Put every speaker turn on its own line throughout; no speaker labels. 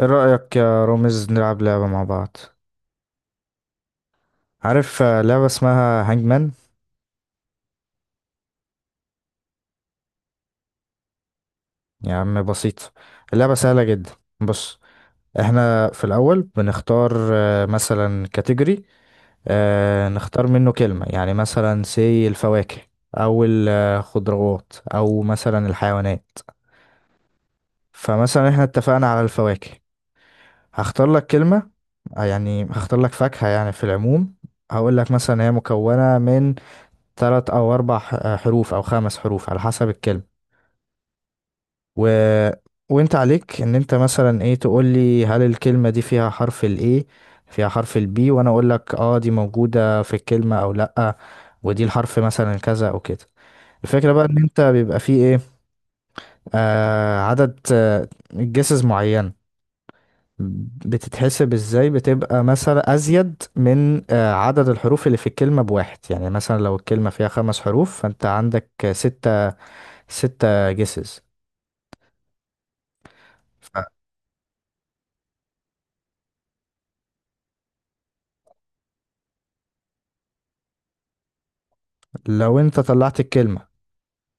ايه رأيك يا رامز نلعب لعبة مع بعض؟ عارف. لعبة اسمها هانجمان. يا عم بسيطة، اللعبة سهلة جدا. بص، احنا في الأول بنختار مثلا كاتيجوري، نختار منه كلمة، يعني مثلا سي الفواكه أو الخضروات أو مثلا الحيوانات. فمثلا احنا اتفقنا على الفواكه، هختار لك كلمة. يعني هختار لك فاكهة يعني في العموم، هقول لك مثلا هي مكونة من تلات او اربع حروف او خمس حروف على حسب الكلمة. و... وانت عليك ان انت مثلا ايه تقول لي هل الكلمة دي فيها حرف الاي، فيها حرف البي، وانا اقول لك اه دي موجودة في الكلمة او لأ، ودي الحرف مثلا كذا او كده. الفكرة بقى ان انت بيبقى فيه ايه، عدد جسز معين، بتتحسب ازاي؟ بتبقى مثلا ازيد من عدد الحروف اللي في الكلمة بواحد، يعني مثلا لو الكلمة فيها خمس حروف فانت عندك ستة، ستة جيسز. لو انت طلعت الكلمة،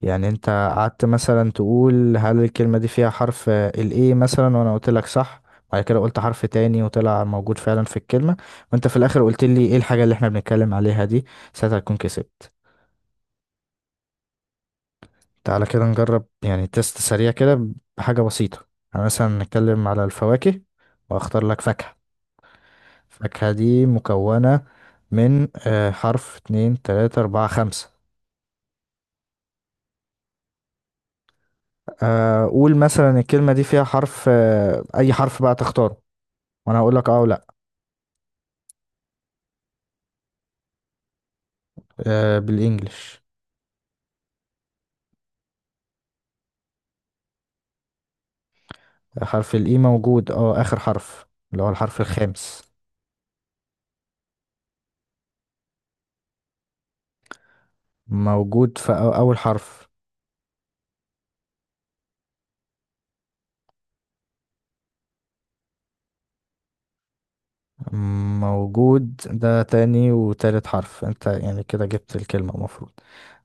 يعني انت قعدت مثلا تقول هل الكلمة دي فيها حرف ال A مثلا، وانا قلت لك صح، بعد كده قلت حرف تاني وطلع موجود فعلا في الكلمة، وانت في الاخر قلت لي ايه الحاجة اللي احنا بنتكلم عليها دي، ساعتها تكون كسبت. تعالى كده نجرب، يعني تيست سريع كده بحاجة بسيطة. يعني مثلا نتكلم على الفواكه، واختار لك فاكهة. الفاكهة دي مكونة من حرف اتنين تلاتة أربعة خمسة. قول مثلا الكلمة دي فيها حرف، أي حرف بقى تختاره، وأنا هقول لك أه ولا لأ. بالإنجلش. حرف الإي موجود، أه، آخر حرف، اللي هو الحرف الخامس. موجود في أول حرف. موجود، ده تاني وتالت حرف، أنت يعني كده جبت الكلمة المفروض.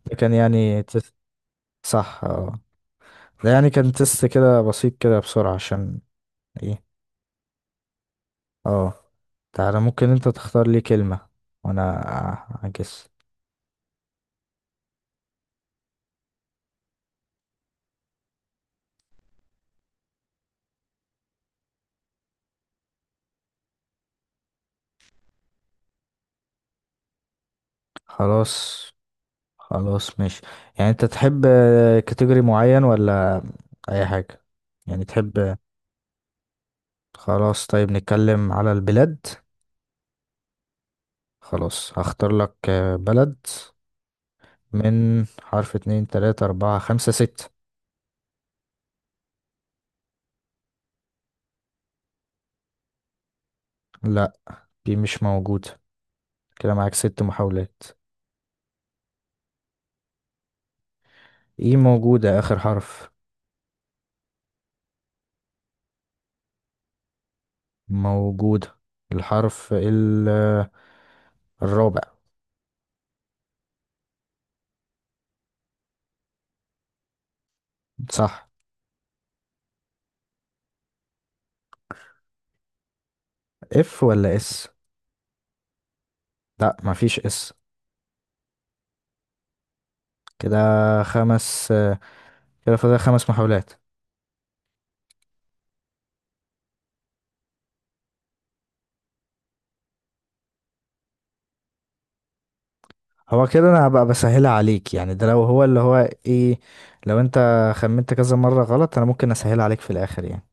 ده كان يعني تست، صح، أه. ده يعني كان تست كده بسيط كده بسرعة عشان إيه. أه، تعالى، ممكن أنت تختار لي كلمة وأنا أجس. خلاص. خلاص ماشي، يعني انت تحب كاتيجوري معين ولا اي حاجة، يعني تحب؟ خلاص طيب نتكلم على البلاد. خلاص هختار لك بلد من حرف اتنين تلاتة اربعة خمسة ستة. لا، دي مش موجودة، كده معاك ست محاولات. ايه موجودة، اخر حرف. موجودة، الحرف الرابع. صح. اف ولا اس؟ لا، مفيش اس. كده خمس، كده فاضل خمس محاولات. هو كده انا هبقى بسهلها عليك، يعني ده لو هو اللي هو ايه، لو انت خمنت كذا مرة غلط انا ممكن اسهلها عليك في الاخر يعني.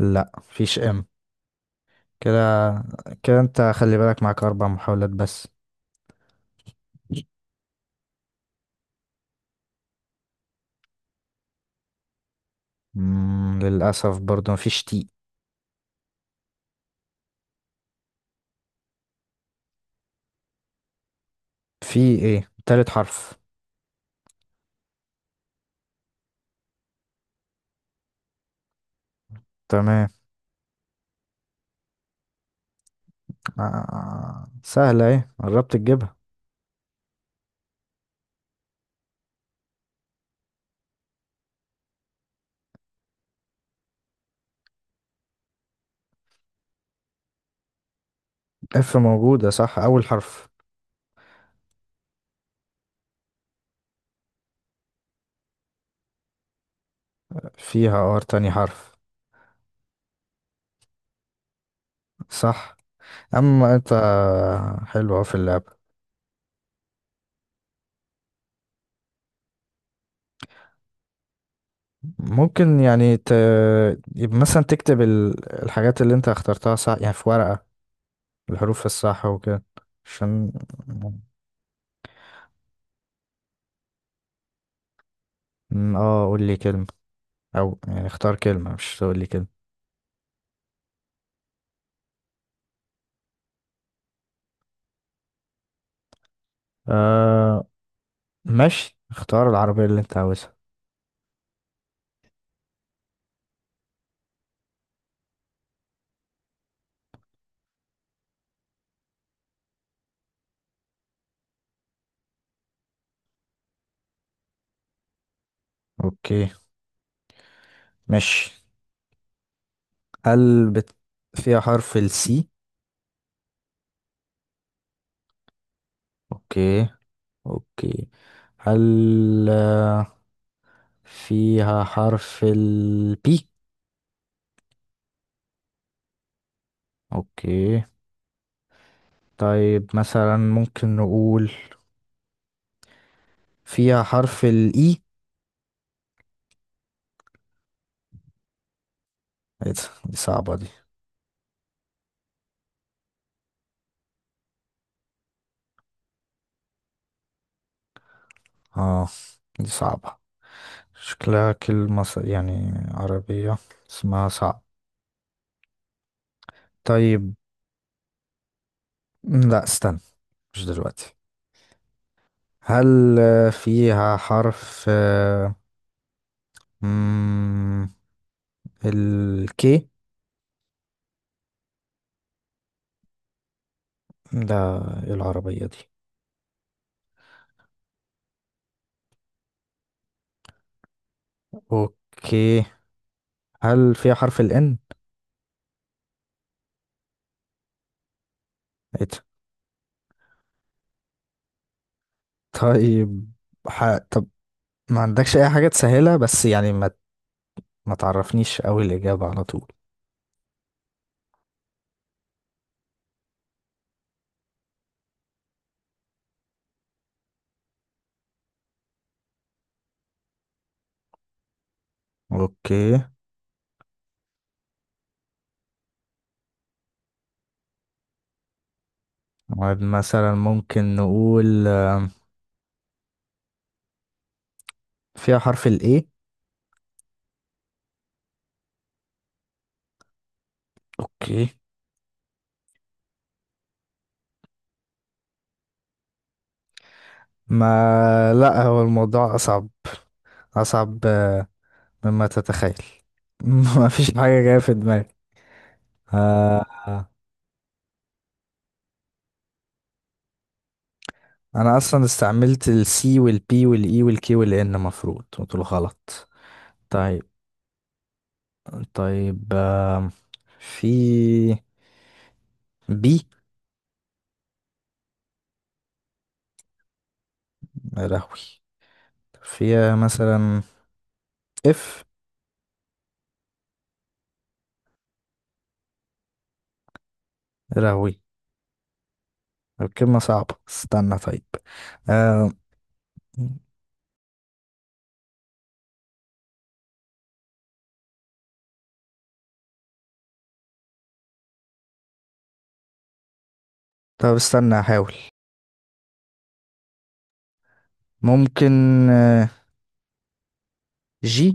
لا مفيش ام، كده، كده انت خلي بالك معاك اربع محاولات بس. للاسف برضو مفيش تي. في ايه؟ تالت حرف. تمام. آه، سهلة، ايه قربت تجيبها. اف موجودة، صح، اول حرف. فيها ار، تاني حرف. صح. اما انت، حلو، أهو في اللعبة. ممكن يعني يبقى مثلا تكتب الحاجات اللي انت اخترتها صح يعني في ورقة، الحروف الصح وكده. عشان، م، اه قول لي كلمة، او يعني اختار كلمة، مش تقول لي كلمة. آه ماشي، اختار العربية اللي انت عاوزها. اوكي ماشي. هل بت... فيها حرف السي؟ اوكي. اوكي، هل فيها حرف البي؟ اوكي. طيب مثلا ممكن نقول فيها حرف الإي. إيه ده؟ دي صعبة دي. اه، دي صعبة، شكلها كلمة يعني عربية اسمها صعب. طيب. لا استنى، مش دلوقتي. هل فيها حرف مم، الكي؟ ده إيه العربية دي؟ اوكي، هل فيها حرف الان؟ ايه ده؟ طيب. طب ما عندكش اي حاجة تسهلها؟ بس يعني ما تعرفنيش قوي الإجابة على طول. اوكي. طيب، مثلا ممكن نقول فيها حرف الاي. اوكي. ما، لا هو الموضوع اصعب، اصعب، مما تتخيل. ما فيش حاجه جايه في دماغي. آه، آه. انا اصلا استعملت السي والبي والاي والكي والان، مفروض قلت له غلط. طيب. طيب في بي. رهوي. فيها مثلا اف. رهوي. الكلمة صعبة، استنى طيب. آه، طب استنى احاول. ممكن آه، جي.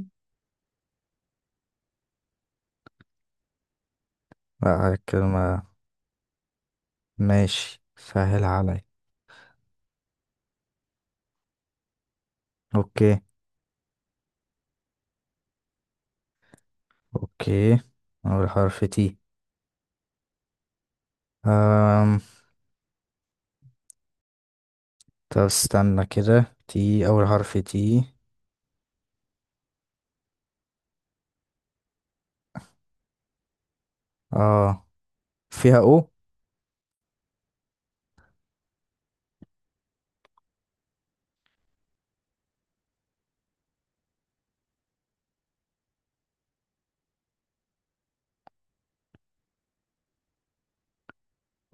لا كلمة، ماشي سهل عليا. اوكي. اوكي، اول حرف تي. أم... طب استنى كده، تي، اول حرف تي. اه، فيها او.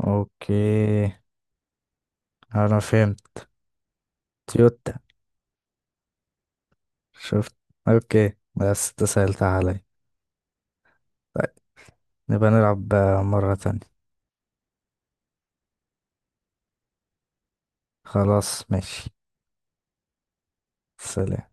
اوكي، انا فهمت. تويوتا. شفت؟ اوكي بس انت سهلتها عليا. طيب نبقى نلعب مرة تانية. خلاص ماشي. سلام.